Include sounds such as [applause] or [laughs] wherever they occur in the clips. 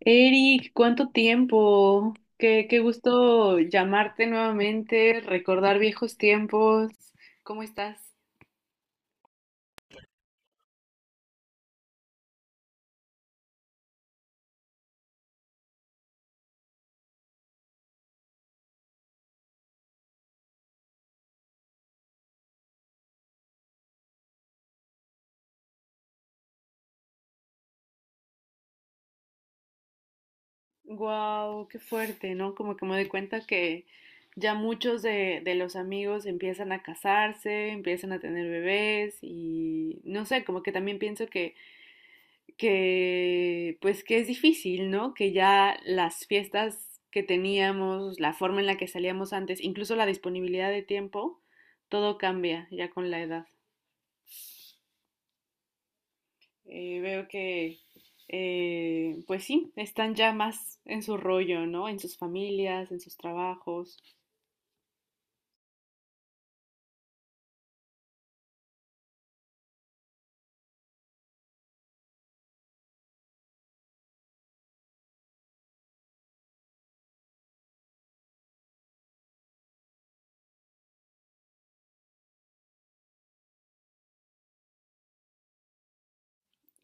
Eric, ¿cuánto tiempo? Qué gusto llamarte nuevamente, recordar viejos tiempos. ¿Cómo estás? Wow, qué fuerte, ¿no? Como que me doy cuenta que ya muchos de los amigos empiezan a casarse, empiezan a tener bebés y no sé, como que también pienso que pues que es difícil, ¿no? Que ya las fiestas que teníamos, la forma en la que salíamos antes, incluso la disponibilidad de tiempo, todo cambia ya con la edad. Veo que pues sí, están ya más en su rollo, ¿no? En sus familias, en sus trabajos.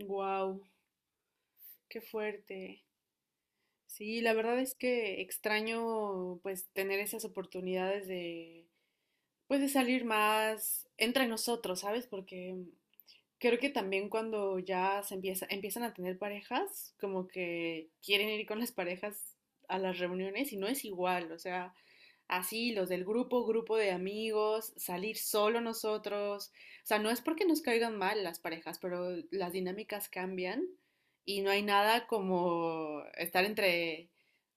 Wow, qué fuerte. Sí, la verdad es que extraño pues tener esas oportunidades de pues de salir más entre nosotros, ¿sabes? Porque creo que también cuando ya se empieza, empiezan a tener parejas, como que quieren ir con las parejas a las reuniones y no es igual, o sea, así los del grupo, grupo de amigos, salir solo nosotros, o sea, no es porque nos caigan mal las parejas, pero las dinámicas cambian y no hay nada como estar entre,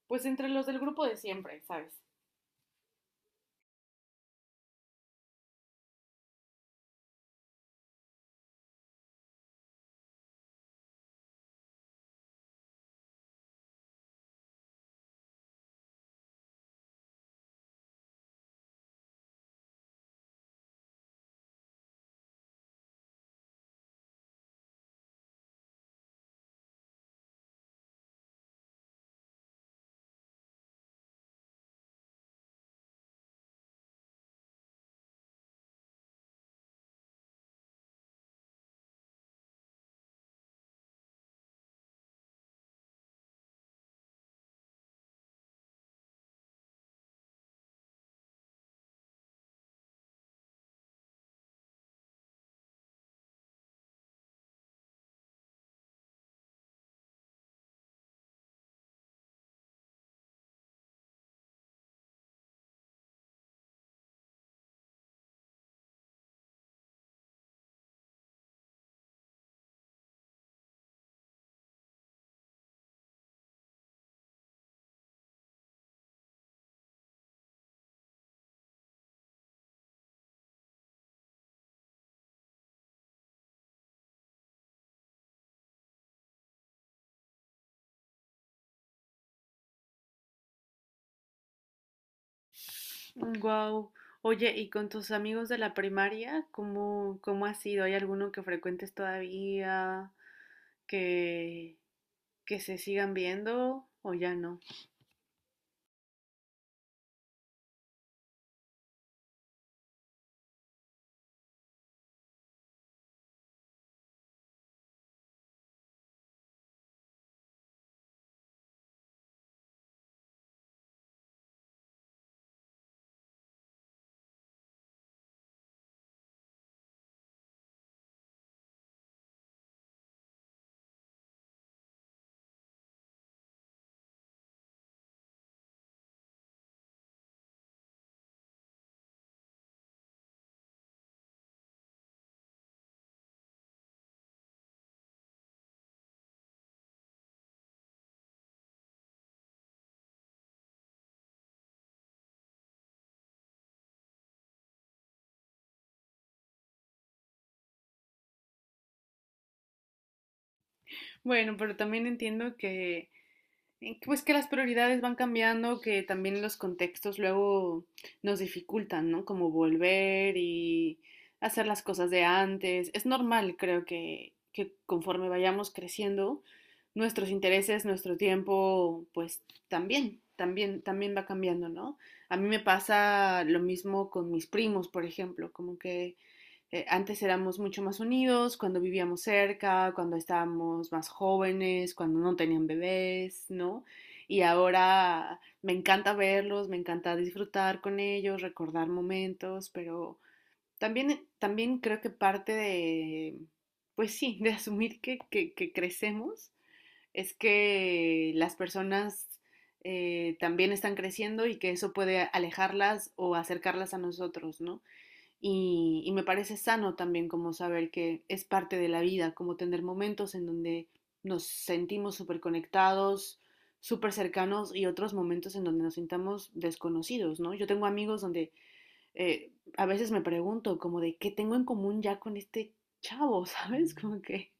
pues entre los del grupo de siempre, ¿sabes? Wow. Oye, ¿y con tus amigos de la primaria, cómo ha sido? ¿Hay alguno que frecuentes todavía, que, que se sigan viendo o ya no? Bueno, pero también entiendo que pues que las prioridades van cambiando, que también los contextos luego nos dificultan, ¿no? Como volver y hacer las cosas de antes. Es normal, creo que conforme vayamos creciendo, nuestros intereses, nuestro tiempo, pues también va cambiando, ¿no? A mí me pasa lo mismo con mis primos, por ejemplo, como que antes éramos mucho más unidos cuando vivíamos cerca, cuando estábamos más jóvenes, cuando no tenían bebés, ¿no? Y ahora me encanta verlos, me encanta disfrutar con ellos, recordar momentos, pero también creo que parte de, pues sí, de asumir que crecemos es que las personas también están creciendo y que eso puede alejarlas o acercarlas a nosotros, ¿no? Y me parece sano también como saber que es parte de la vida, como tener momentos en donde nos sentimos súper conectados, súper cercanos y otros momentos en donde nos sintamos desconocidos, ¿no? Yo tengo amigos donde a veces me pregunto como de qué tengo en común ya con este chavo, [laughs] ¿sabes? Como que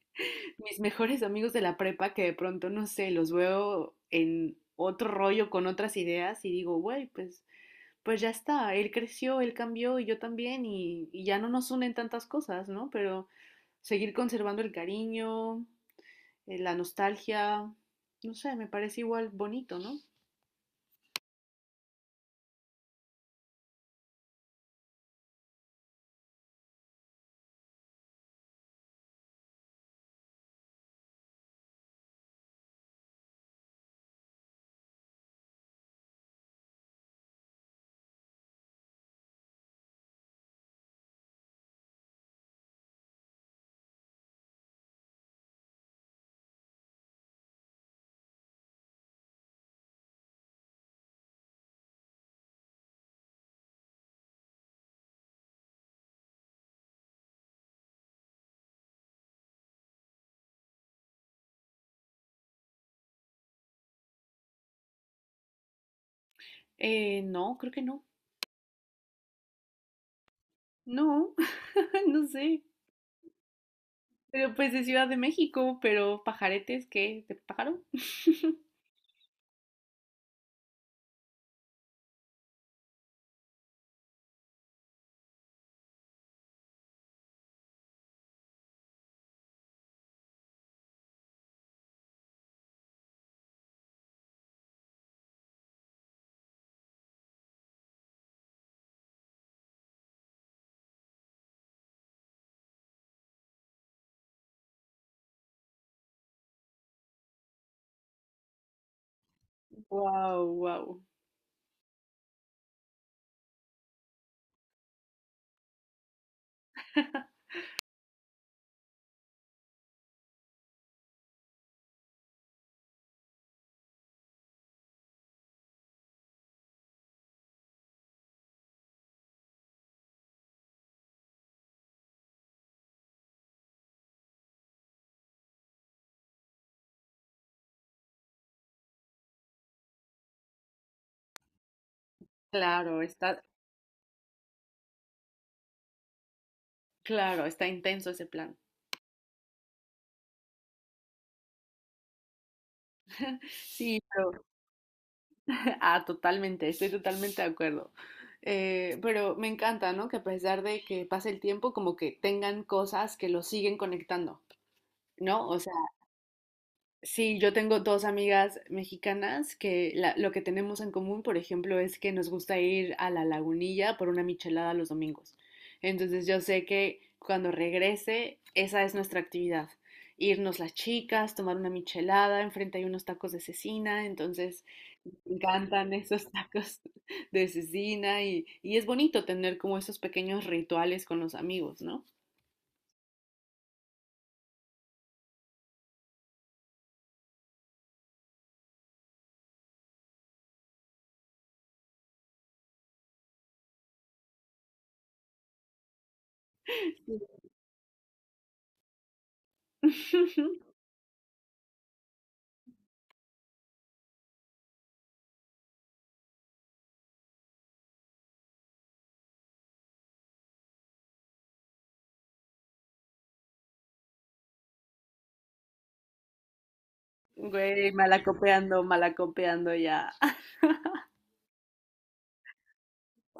mis mejores amigos de la prepa que de pronto, no sé, los veo en otro rollo con otras ideas y digo, güey, pues ya está, él creció, él cambió y yo también y ya no nos unen tantas cosas, ¿no? Pero seguir conservando el cariño, la nostalgia, no sé, me parece igual bonito, ¿no? No, creo que no. No, [laughs] no sé. Pero pues de Ciudad de México, pero pajaretes, ¿qué? ¿De pájaro? [laughs] Wow, wow. [laughs] Claro, claro, está intenso ese plan. Sí, pero ah, totalmente, estoy totalmente de acuerdo. Pero me encanta, ¿no? Que a pesar de que pase el tiempo, como que tengan cosas que los siguen conectando, ¿no? O sea, sí, yo tengo dos amigas mexicanas que la- lo que tenemos en común, por ejemplo, es que nos gusta ir a la lagunilla por una michelada los domingos. Entonces yo sé que cuando regrese, esa es nuestra actividad. Irnos las chicas, tomar una michelada, enfrente hay unos tacos de cecina, entonces... me encantan esos tacos [laughs] de cecina y es bonito tener como esos pequeños rituales con los amigos, ¿no? Sí. [laughs] Güey, malacopeando, malacopeando ya. [laughs]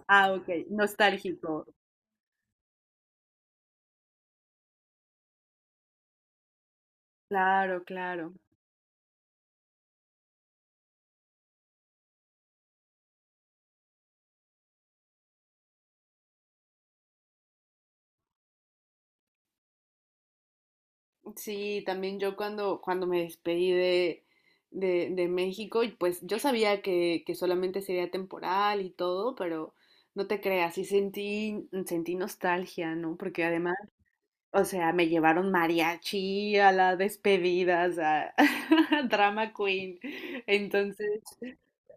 Ah, ok, nostálgico. Claro, claro. Sí, también yo cuando me despedí de México, y pues yo sabía que solamente sería temporal y todo, pero no te creas, sentí nostalgia, ¿no? Porque además o sea, me llevaron mariachi a la despedida, o sea, [laughs] drama queen. Entonces,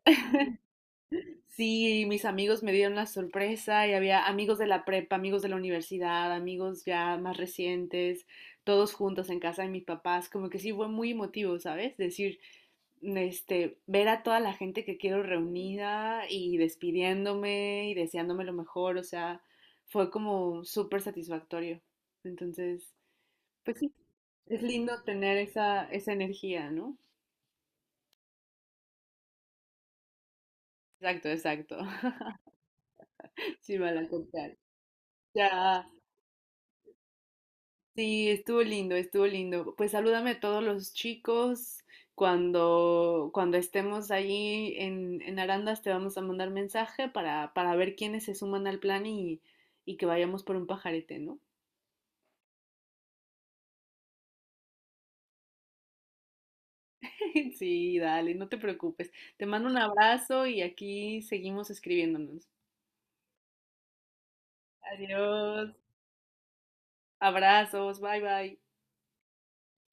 [laughs] sí, mis amigos me dieron la sorpresa y había amigos de la prepa, amigos de la universidad, amigos ya más recientes, todos juntos en casa de mis papás. Como que sí fue muy emotivo, ¿sabes? Decir, este, ver a toda la gente que quiero reunida y despidiéndome y deseándome lo mejor, o sea, fue como súper satisfactorio. Entonces... pues sí, es lindo tener esa, esa energía, ¿no? Exacto, exacto. [laughs] Sí, van a contar. Ya, sí, estuvo lindo, estuvo lindo. Pues salúdame a todos los chicos. Cuando estemos allí en Arandas te vamos a mandar mensaje para ver quiénes se suman al plan y que vayamos por un pajarete, ¿no? [laughs] Sí, dale, no te preocupes. Te mando un abrazo y aquí seguimos escribiéndonos. Adiós, abrazos, bye bye.